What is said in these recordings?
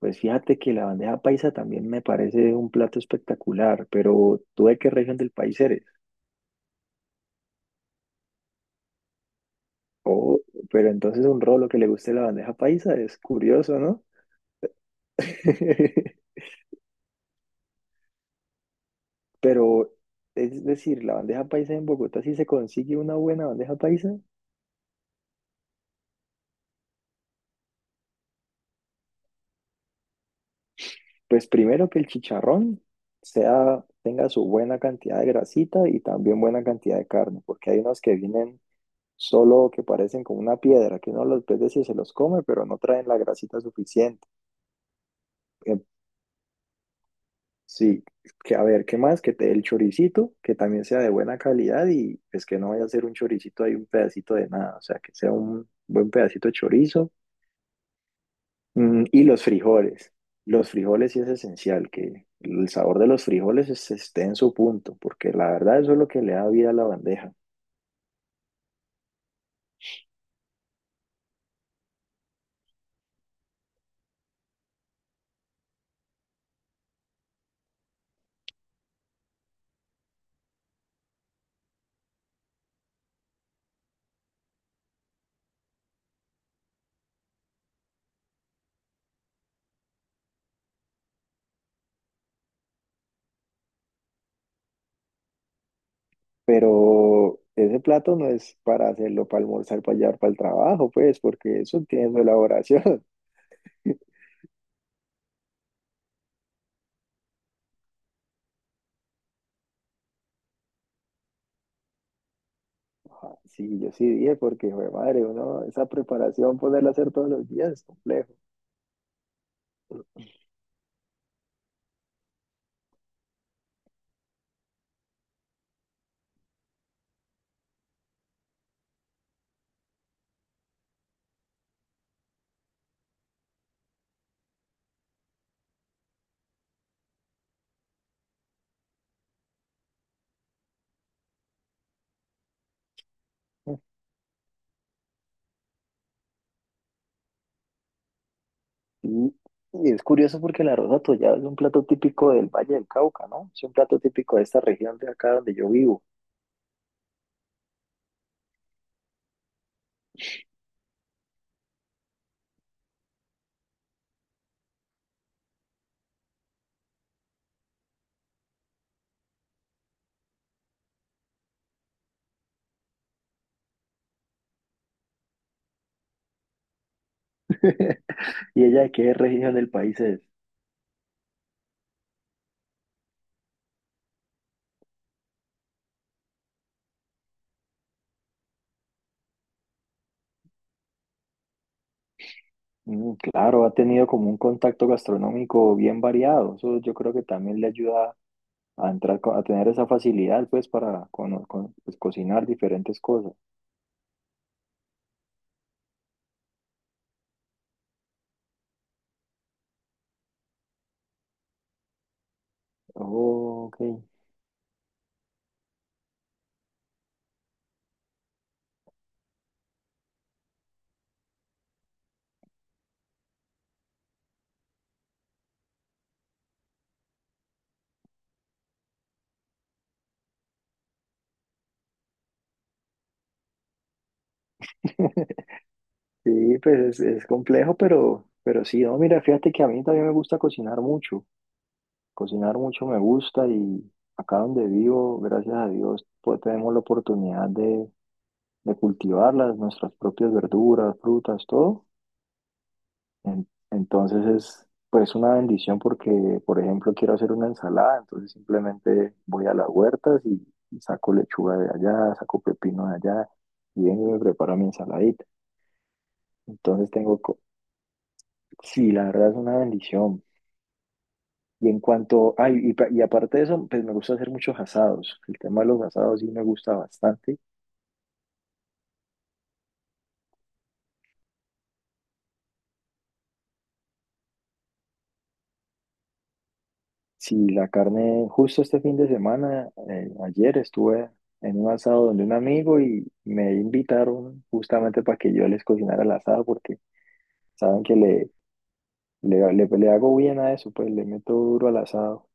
Pues fíjate que la bandeja paisa también me parece un plato espectacular, pero ¿tú de qué región del país eres? Oh, pero entonces un rolo que le guste la bandeja paisa es curioso, ¿no? Pero es decir, la bandeja paisa en Bogotá, si se consigue una buena bandeja paisa, pues primero que el chicharrón sea, tenga su buena cantidad de grasita y también buena cantidad de carne, porque hay unos que vienen solo que parecen como una piedra, que uno los ve y se los come, pero no traen la grasita suficiente. En sí, que a ver, ¿qué más? Que te dé el choricito, que también sea de buena calidad y pues que no vaya a ser un choricito ahí un pedacito de nada, o sea, que sea un buen pedacito de chorizo. Mm, y los frijoles sí es esencial, que el sabor de los frijoles esté en su punto, porque la verdad eso es lo que le da vida a la bandeja. Pero ese plato no es para hacerlo, para almorzar, para llevar para el trabajo, pues, porque eso tiene su elaboración. Ah, sí, yo sí dije porque, hijo de madre, uno, esa preparación, poderla hacer todos los días es complejo. Y, y es curioso porque la rosa tollada es un plato típico del Valle del Cauca, ¿no? Es un plato típico de esta región de acá donde yo vivo. ¿Y ella de qué región del país es? Mm, claro, ha tenido como un contacto gastronómico bien variado. Eso yo creo que también le ayuda a entrar, a tener esa facilidad, pues, para pues, cocinar diferentes cosas. Oh, ok. Sí, pues es complejo, pero sí, no, mira, fíjate que a mí también me gusta cocinar mucho me gusta y acá donde vivo, gracias a Dios, pues tenemos la oportunidad de cultivarlas, nuestras propias verduras, frutas, todo. Entonces es pues una bendición porque, por ejemplo, quiero hacer una ensalada, entonces simplemente voy a las huertas y saco lechuga de allá, saco pepino de allá y vengo y me preparo mi ensaladita. Entonces tengo, sí, la verdad es una bendición. Y en cuanto, ay, y, y aparte de eso, pues me gusta hacer muchos asados. El tema de los asados sí me gusta bastante. Si la carne, justo este fin de semana, ayer estuve en un asado donde un amigo y me invitaron justamente para que yo les cocinara el asado porque saben que le hago bien a eso, pues le meto duro al asado.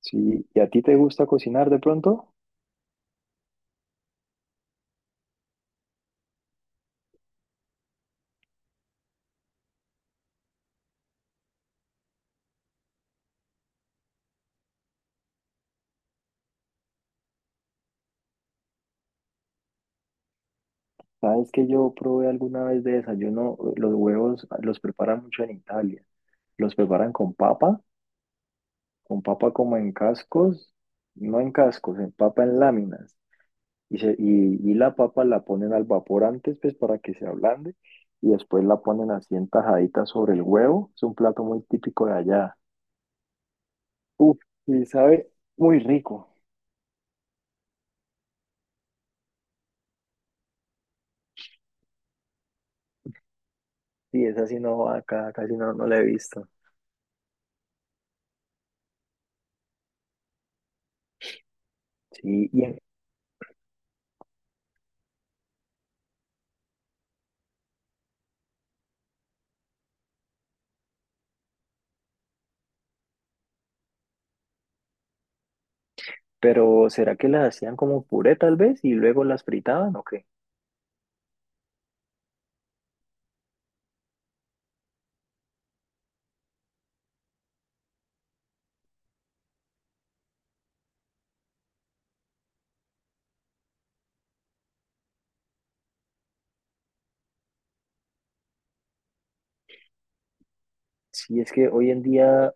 Sí, ¿y a ti te gusta cocinar de pronto? Sabes que yo probé alguna vez de desayuno, los huevos los preparan mucho en Italia. Los preparan con papa como en cascos, no en cascos, en papa en láminas. Y la papa la ponen al vapor antes, pues para que se ablande, y después la ponen así en tajaditas sobre el huevo. Es un plato muy típico de allá. Uf, y sabe muy rico. Sí, esa sí no, va acá casi no, no la he visto. Sí, y en- pero ¿será que las hacían como puré tal vez y luego las fritaban o qué? Sí, es que hoy en día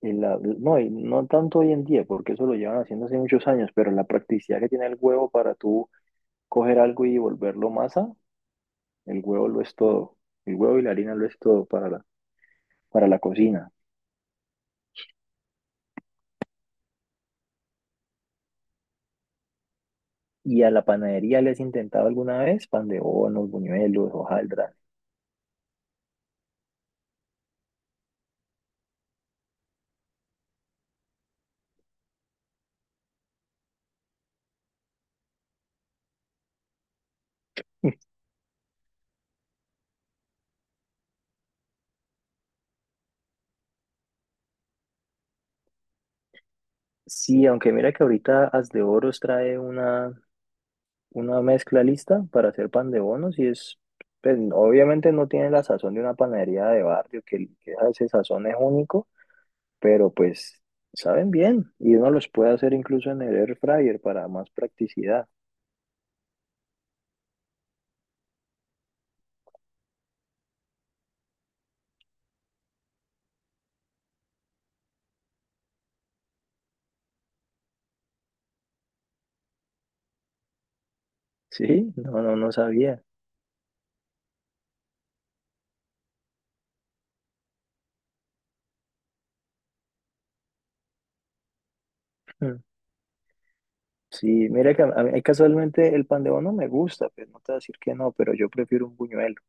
y la, no, y no tanto hoy en día, porque eso lo llevan haciendo hace muchos años, pero la practicidad que tiene el huevo para tú coger algo y volverlo masa, el huevo lo es todo. El huevo y la harina lo es todo para la cocina. ¿Y a la panadería le has intentado alguna vez pan de bonos, buñuelos, hojaldras? Sí, aunque mira que ahorita As de Oros trae una mezcla lista para hacer pan de bonos y es, pues, obviamente no tiene la sazón de una panadería de barrio, que ese sazón es único, pero pues saben bien y uno los puede hacer incluso en el air fryer para más practicidad. Sí, no, no, no sabía. Mm. Sí, mira que a mí casualmente el pan de bono me gusta, pues no te voy a decir que no, pero yo prefiero un buñuelo.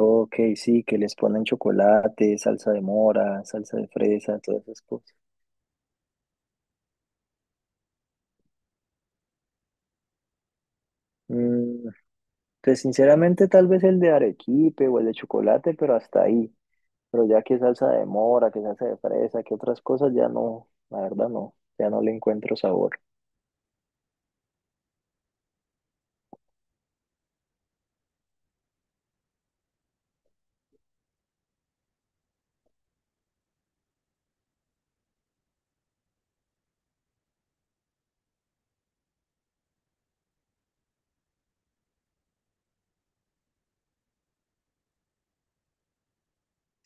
Ok, sí, que les ponen chocolate, salsa de mora, salsa de fresa, todas esas cosas. Mm, pues sinceramente tal vez el de arequipe o el de chocolate, pero hasta ahí. Pero ya que salsa de mora, que salsa de fresa, que otras cosas, ya no, la verdad no, ya no le encuentro sabor.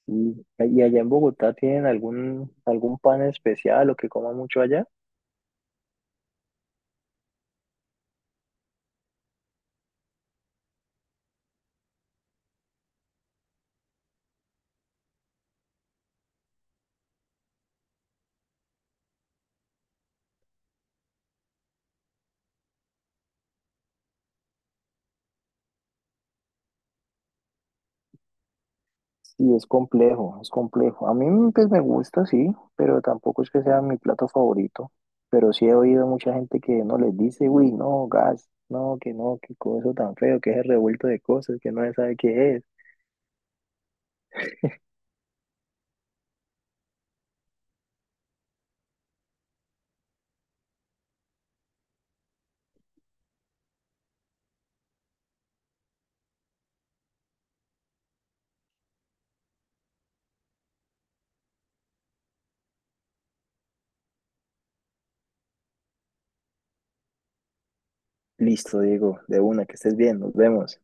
Sí. ¿Y allá en Bogotá tienen algún, algún pan especial o que coma mucho allá? Sí, es complejo, es complejo. A mí pues me gusta, sí, pero tampoco es que sea mi plato favorito. Pero sí he oído mucha gente que no les dice, uy, no, gas, no, que no, qué cosa tan feo, que es el revuelto de cosas, que no se sabe qué es. Listo, Diego, de una, que estés bien, nos vemos.